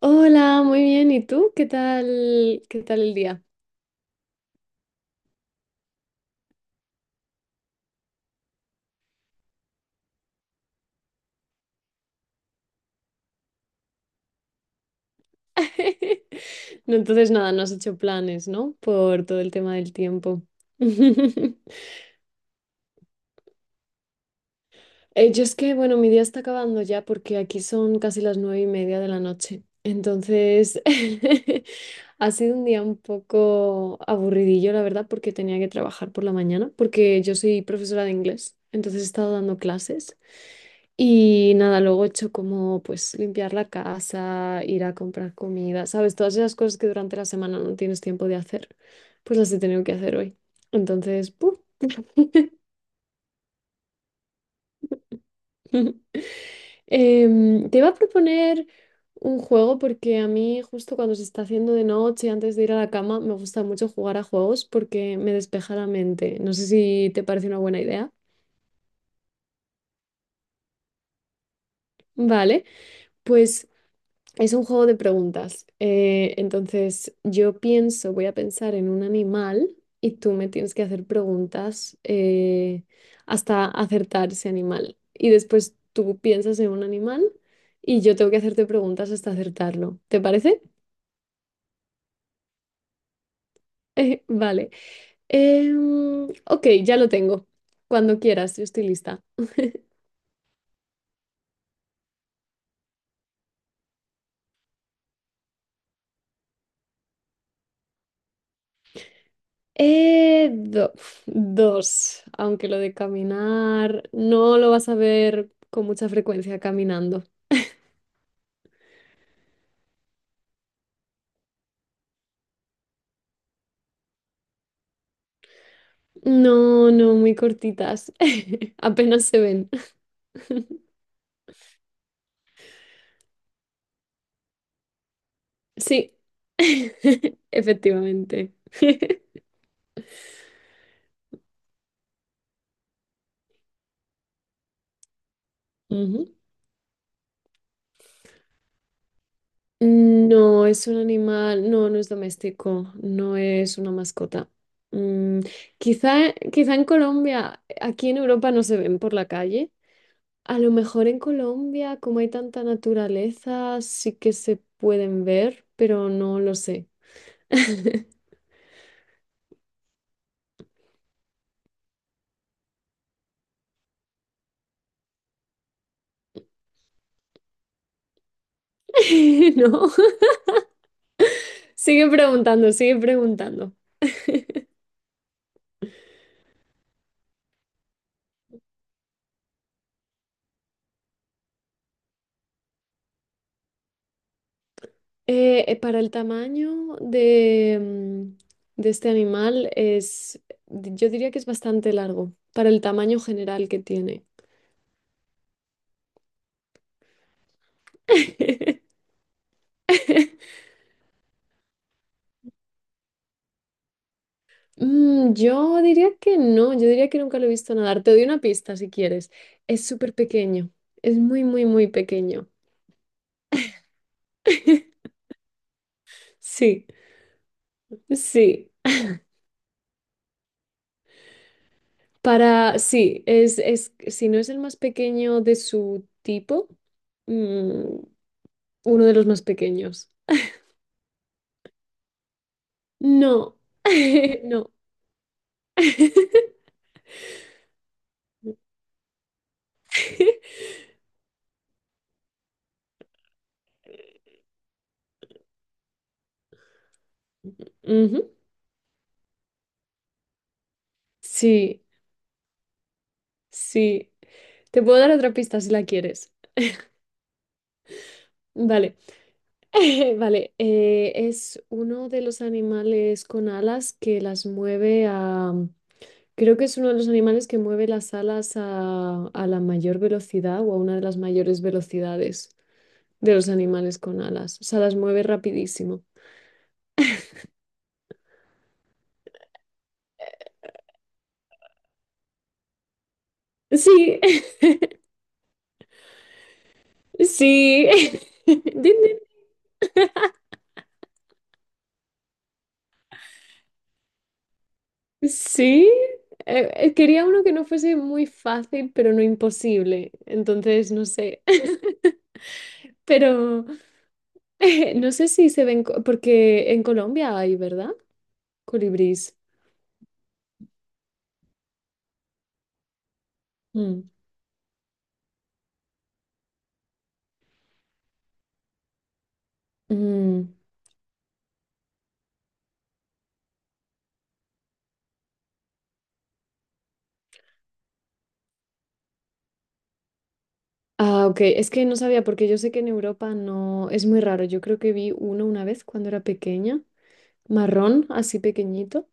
Hola, muy bien. ¿Y tú? ¿Qué tal? ¿Qué tal el día? No, entonces nada, no has hecho planes, ¿no? Por todo el tema del tiempo. Yo es que, bueno, mi día está acabando ya porque aquí son casi las 9:30 de la noche. Entonces, ha sido un día un poco aburridillo, la verdad, porque tenía que trabajar por la mañana, porque yo soy profesora de inglés, entonces he estado dando clases. Y nada, luego he hecho como pues limpiar la casa, ir a comprar comida, ¿sabes? Todas esas cosas que durante la semana no tienes tiempo de hacer, pues las he tenido que hacer hoy. Entonces, ¡puf! Te iba a proponer un juego porque a mí justo cuando se está haciendo de noche, antes de ir a la cama, me gusta mucho jugar a juegos porque me despeja la mente. No sé si te parece una buena idea. Vale, pues, es un juego de preguntas. Entonces, yo pienso, voy a pensar en un animal y tú me tienes que hacer preguntas hasta acertar ese animal. Y después tú piensas en un animal y yo tengo que hacerte preguntas hasta acertarlo. ¿Te parece? Vale. Ok, ya lo tengo. Cuando quieras, yo estoy lista. Eh, do- Dos, aunque lo de caminar no lo vas a ver con mucha frecuencia caminando. No, no, muy cortitas. Apenas se ven. Sí, efectivamente. Ujú. No, es un animal, no, no es doméstico, no es una mascota. Mm, Quizá, quizá en Colombia, aquí en Europa no se ven por la calle. A lo mejor en Colombia, como hay tanta naturaleza, sí que se pueden ver, pero no lo sé. No, sigue preguntando, sigue preguntando. Para el tamaño de este animal es, yo diría que es bastante largo, para el tamaño general que tiene. Yo diría que no, yo diría que nunca lo he visto nadar. Te doy una pista si quieres. Es súper pequeño, es muy, muy, muy pequeño. Sí, sí. Para, sí, es, si no es el más pequeño de su tipo, mm, uno de los más pequeños. No, no. Ujú. Sí, sí. Te puedo dar otra pista si la quieres. Vale, vale. Es uno de los animales con alas que las mueve a... Creo que es uno de los animales que mueve las alas a la mayor velocidad o a una de las mayores velocidades de los animales con alas. O sea, las mueve rapidísimo. Sí, sí. Din, din, sí, quería uno que no fuese muy fácil, pero no imposible. Entonces, no sé. Pero no sé si se ven, porque en Colombia hay, ¿verdad? Colibrís. Mm. Mm. Ah, ok. Es que no sabía, porque yo sé que en Europa no, es muy raro. Yo creo que vi uno una vez cuando era pequeña, marrón, así pequeñito.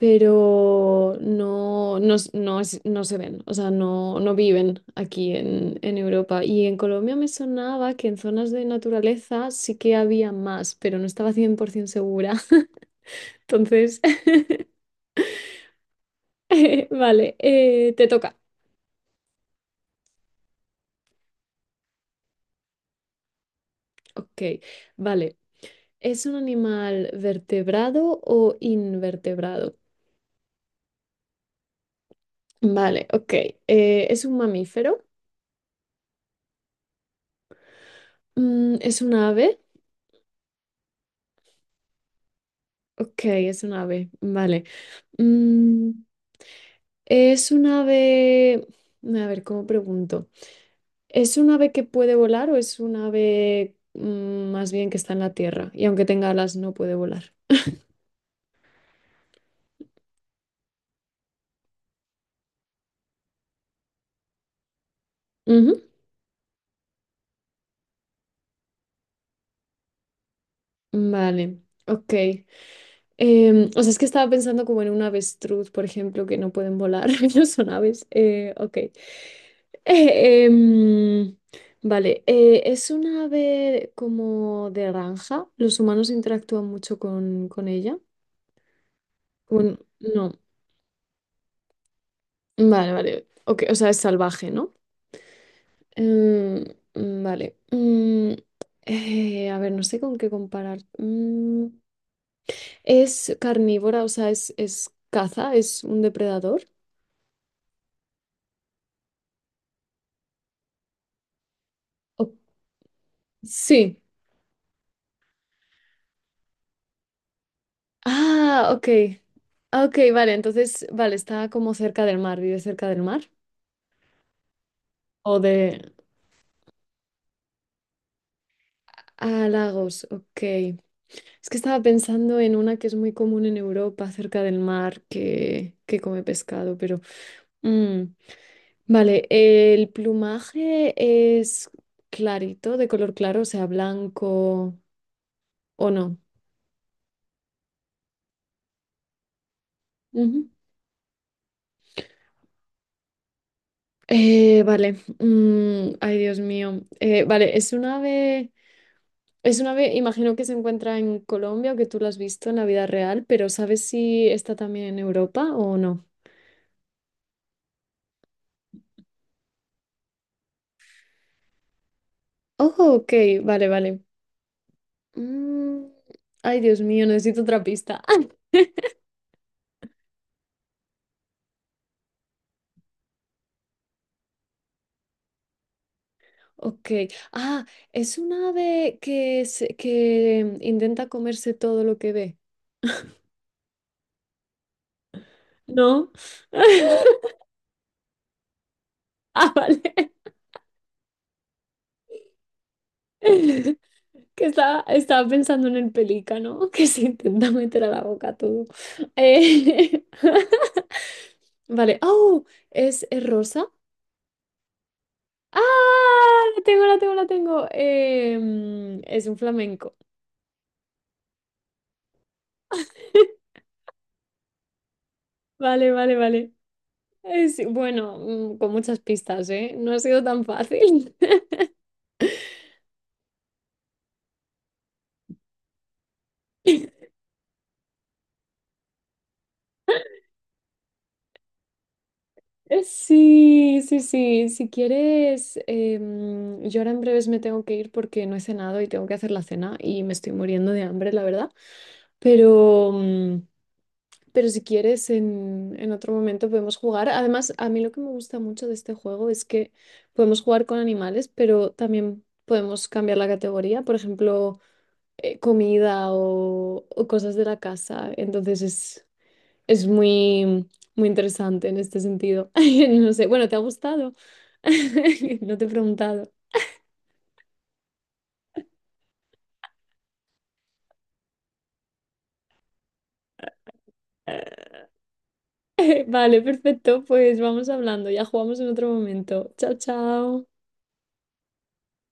Pero no, no, s- no, es- no se ven, o sea, no, no viven aquí en, Europa. Y en Colombia me sonaba que en zonas de naturaleza sí que había más, pero no estaba 100% segura. Entonces, vale, te toca. Ok, vale. ¿Es un animal vertebrado o invertebrado? Vale, ok. ¿Es un mamífero? ¿Es un ave? Ok, es un ave, vale. Mm, ¿Es un ave, a ver, cómo pregunto? ¿Es un ave que puede volar o es un ave, más bien que está en la tierra y aunque tenga alas no puede volar? Ujú. Vale, ok. O sea, es que estaba pensando como en un avestruz, por ejemplo, que no pueden volar, no son aves. Ok. Eh, em, vale, ¿es un ave como de granja? ¿Los humanos interactúan mucho con ella? Bueno, no. Vale, vale. Ok, o sea, es salvaje, ¿no? Em, vale. A ver, no sé con qué comparar. Es carnívora, o sea, es caza, es un depredador. O- sí. Ah, ok. Ah, ok, vale, entonces, vale, está como cerca del mar, vive cerca del mar. O de... Ah, lagos, ok. Es que estaba pensando en una que es muy común en Europa, cerca del mar, que come pescado, pero... mm. Vale, el plumaje es clarito, de color claro, o sea, blanco o no. Ujú. Vale, ay Dios mío. Vale, es un ave, imagino que se encuentra en Colombia o que tú lo has visto en la vida real, pero ¿sabes si está también en Europa o no? Oh, ok, vale, vale. Mm, Ay Dios mío, necesito otra pista. Ok, ah, es un ave que intenta comerse todo lo que ve. No. Ah, vale. Que estaba pensando en el pelícano que se intenta meter a la boca todo. Eh, Vale. ¡Oh! Es rosa? ¡Ah! La tengo, la tengo, la tengo. Es un flamenco. Vale, vale, vale. Es, bueno, con muchas pistas, ¿eh? No ha sido tan fácil. Sí, sí, sí. Si quieres, yo ahora en breves me tengo que ir porque no he cenado y tengo que hacer la cena y me estoy muriendo de hambre, la verdad. Pero, pero si quieres, en, otro momento podemos jugar. Además, a mí lo que me gusta mucho de este juego es que podemos jugar con animales, pero también podemos cambiar la categoría, por ejemplo, comida o cosas de la casa. Entonces es muy, muy interesante en este sentido. No sé, bueno, ¿te ha gustado? No te he preguntado. Vale, perfecto, pues vamos hablando, ya jugamos en otro momento. Chao, chao.